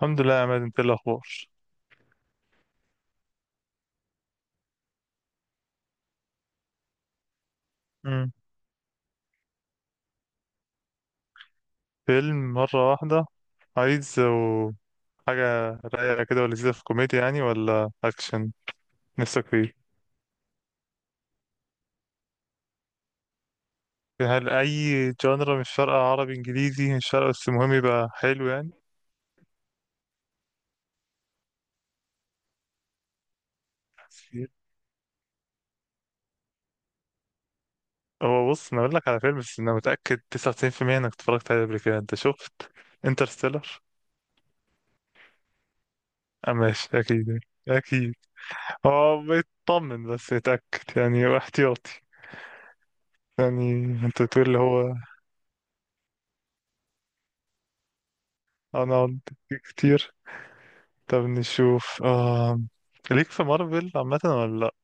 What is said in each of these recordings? الحمد لله يا عماد، انت ايه الاخبار؟ مم. فيلم مره واحده. عايز و- حاجه رايقه كده ولذيذه، في كوميديا يعني ولا اكشن نفسك فيه؟ هل اي جانرا مش فارقه، عربي انجليزي مش فارقه، بس المهم يبقى حلو يعني. هو بص، انا اقول لك على فيلم بس انا متاكد 99% انك اتفرجت عليه قبل كده. انت شفت انترستيلر؟ اه ماشي، اكيد اكيد. هو بيطمن بس يتاكد يعني، احتياطي يعني. انت بتقول اللي هو. انا كتير. طب نشوف. ليك في مارفل عامة ولا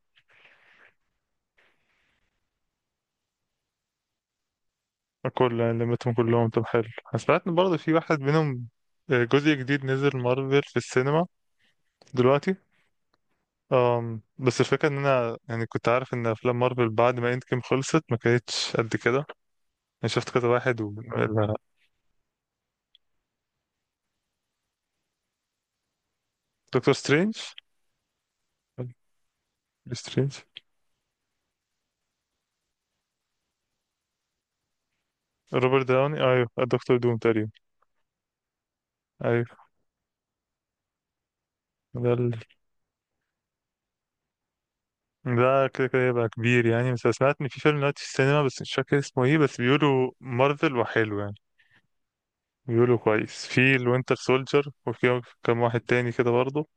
لأ؟ كل يعني لمتهم كلهم، طب حلو. أنا سمعت إن برضه في واحد منهم، جزء جديد نزل مارفل في السينما دلوقتي. بس الفكرة إن أنا يعني كنت عارف إن أفلام مارفل بعد ما إند جيم خلصت ما كانتش قد كده. أنا شفت كذا واحد لا، دكتور سترينج. دكتور سترينج روبرت داوني، أيوه الدكتور دوم تقريبا. أيوه ده ده كده كده يبقى كبير يعني. بس أنا سمعت ان في فيلم دلوقتي في السينما بس مش فاكر اسمه ايه، بس بيقولوا مارفل وحلو يعني. بيقولوا كويس في الوينتر سولجر، وفي كام واحد تاني كده برضه.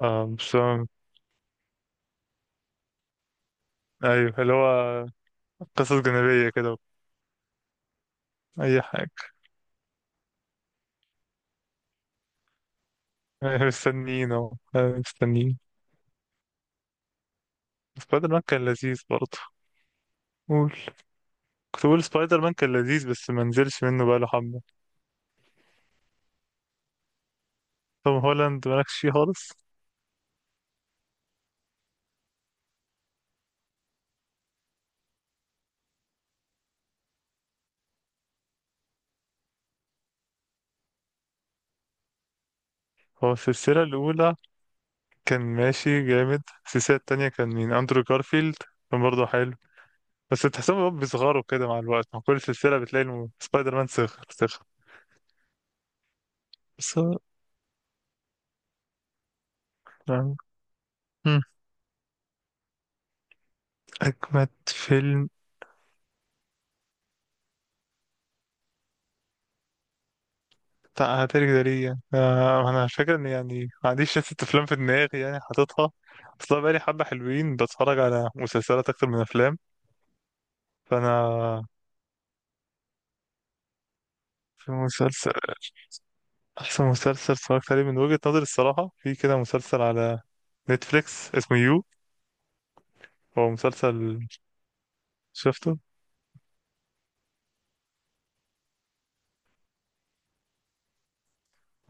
مش فاهم. ايوه، اللي هو قصص جانبية كده. اي حاجة. مستنيين اهو. مستنيين. سبايدر مان كان لذيذ برضه. قول. كنت بقول سبايدر مان كان لذيذ بس ما نزلش منه بقاله حبة. توم هولاند مالكش فيه خالص. هو السلسلة الأولى كان ماشي جامد. السلسلة التانية كان مين؟ أندرو جارفيلد، كان برضه حلو. بس تحسهم هو بيصغروا كده مع الوقت، مع كل سلسلة بتلاقي سبايدر مان صغر صغر. بس هو يعني. مم. أجمد فيلم بتاع هتاري ده ليه يعني؟ أنا فاكر إن يعني ما عنديش ست أفلام في دماغي يعني حاططها أصلا، بقالي حبة حلوين بتفرج على مسلسلات أكتر من أفلام. فأنا في مسلسل، أحسن مسلسل اتفرجت عليه من وجهة نظري الصراحة، في كده مسلسل على نتفليكس اسمه يو. هو مسلسل. شفته؟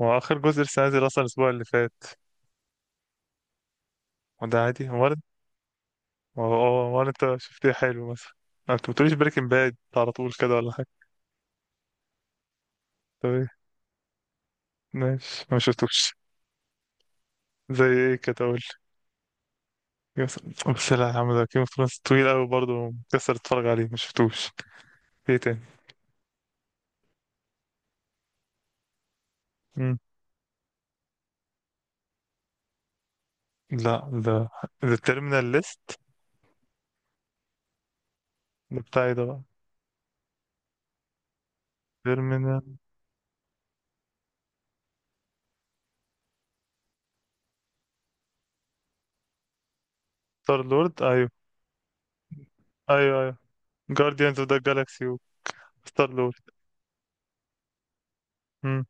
هو آخر جزء لسه نازل أصلا الأسبوع اللي فات، وده عادي وارد. وهو هو وارد. أنت شفتيه حلو مثلا؟ أنت بتقوليش بريكنج باد على طول كده ولا حاجة؟ طب إيه؟ ماشي، ما شفتوش. زي إيه كده أقول؟ بس لا يا عم، ده جيم اوف ثرونز طويل أوي برضه، مكسر تتفرج عليه، ما شفتوش. إيه تاني؟ مم. لا ده تيرمينال ليست. ده بتاعي ده بقى. تيرمينال. ستار لورد، أيوه أيوه أيوه. جارديانز أوف ذا جالاكسي. ستار لورد. مم.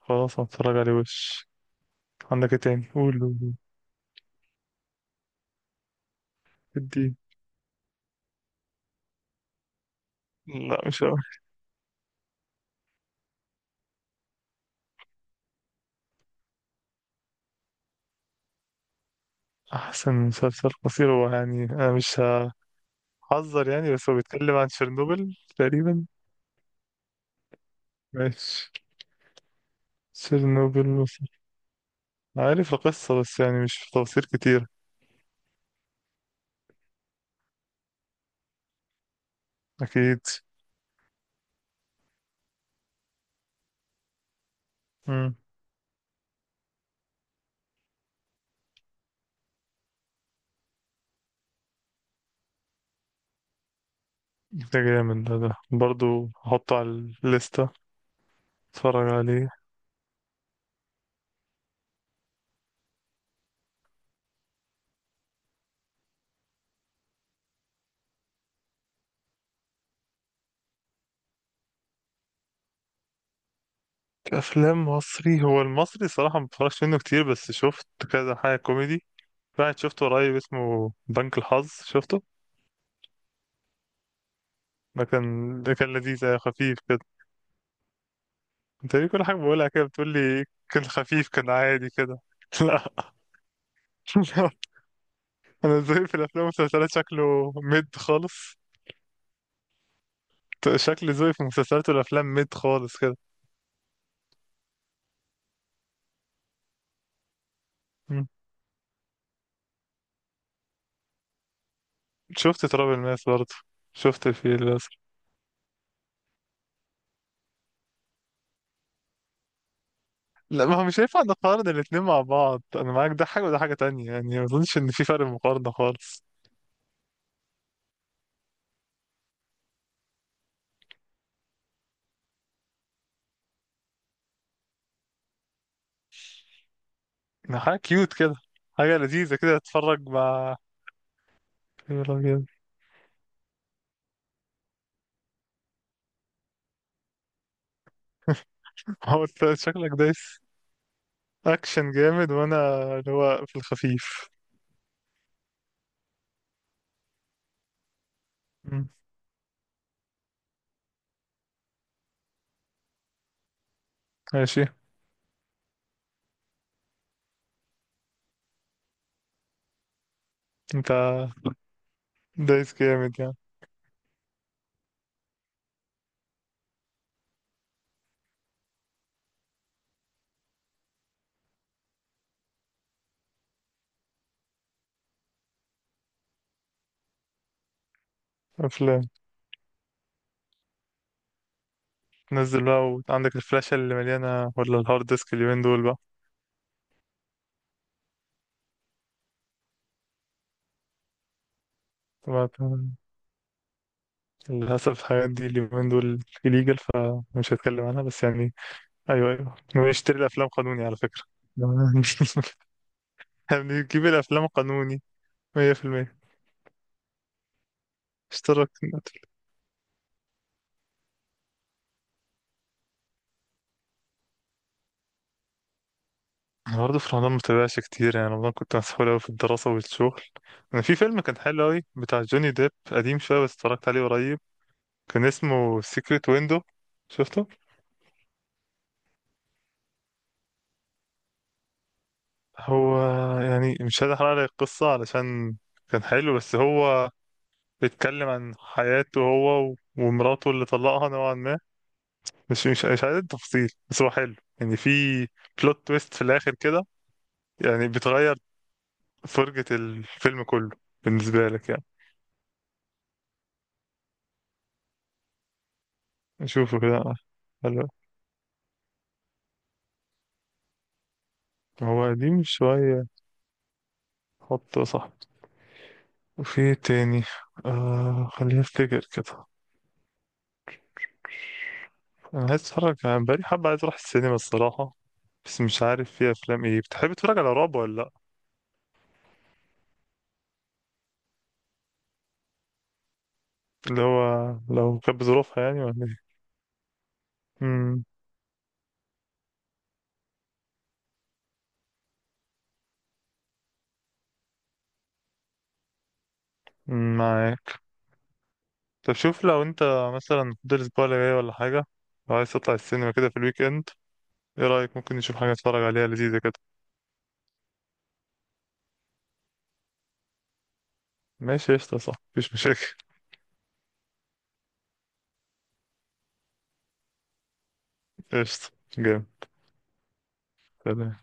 خلاص هتفرج عليه وش. عندك إيه تاني؟ قول قول قول. ادي. لا مش هو. أحسن مسلسل قصير هو يعني، أنا مش هحذر يعني بس هو بيتكلم عن تشيرنوبل تقريبا. ماشي. تشيرنوبل مصر. عارف القصة بس يعني مش في تفاصيل كتير. أكيد. مم. ده جامد ده برضو، هحطه على الليستة، اتفرج عليه. كأفلام مصري، هو المصري صراحة ما بتفرجش منه كتير بس شفت كذا حاجة كوميدي. واحد شفته قريب اسمه بنك الحظ، شفته؟ ده كان لذيذ، خفيف كده. انت ليه كل حاجة بقولها كده بتقول لي كان خفيف كان عادي كده؟ لا. لا. انا ذوقي في الافلام والمسلسلات شكله ميد خالص. شكل ذوقي في المسلسلات والافلام ميد خالص كده. مم. شفت تراب الماس برضه. شفت الفيل الازرق. لا، ما هو مش هينفع نقارن الاتنين مع بعض. انا معاك، ده حاجة وده حاجة تانية يعني، ما اظنش ان في فرق مقارنة خالص. يعني حاجة كيوت كده، حاجة لذيذة كده تتفرج مع. يا راجل. هو انت شكلك دايس اكشن جامد، وانا اللي هو في الخفيف. مم. ماشي. انت دايس جامد يعني. افلام تنزل بقى، وعندك الفلاشة اللي مليانة ولا الهارد ديسك اليومين دول بقى؟ طبعا، للأسف الحاجات دي اليومين دول إليجال فمش هتكلم عنها، بس يعني أيوه أيوه، ونشتري الأفلام قانوني على فكرة. احنا بنجيب الأفلام قانوني 100%. اشترك. أنا برضه في رمضان متابعش كتير، يعني رمضان كنت مسحول أوي في الدراسة والشغل. أنا في فيلم كان حلو أوي بتاع جوني ديب، قديم شوية بس اتفرجت عليه قريب، كان اسمه سيكريت ويندو. شفته؟ هو يعني مش عايز احرق لك القصة علشان كان حلو، بس هو بيتكلم عن حياته هو ومراته اللي طلقها نوعا ما. مش عايز التفاصيل بس هو حلو يعني. في بلوت تويست في الآخر كده، يعني بتغير فرجة الفيلم كله بالنسبة لك يعني. نشوفه كده. حلو. هو قديم شوية، حطه صح. وفي إيه تاني؟ خليني افتكر كده. انا عايز اتفرج يعني، بقالي حبة عايز اروح السينما الصراحة. بس مش عارف في افلام ايه. بتحب تتفرج على رعب ولا لا؟ اللي هو لو كانت بظروفها يعني، ولا ايه؟ امم. أمم، معاك. طب شوف لو انت مثلا فاضل الاسبوع اللي جاي ولا حاجه، لو عايز تطلع السينما كده في الويك اند، ايه رايك؟ ممكن نشوف حاجه نتفرج عليها لذيذه كده. ماشي قشطه، صح، مفيش مشاكل. قشطه جامد. سلام.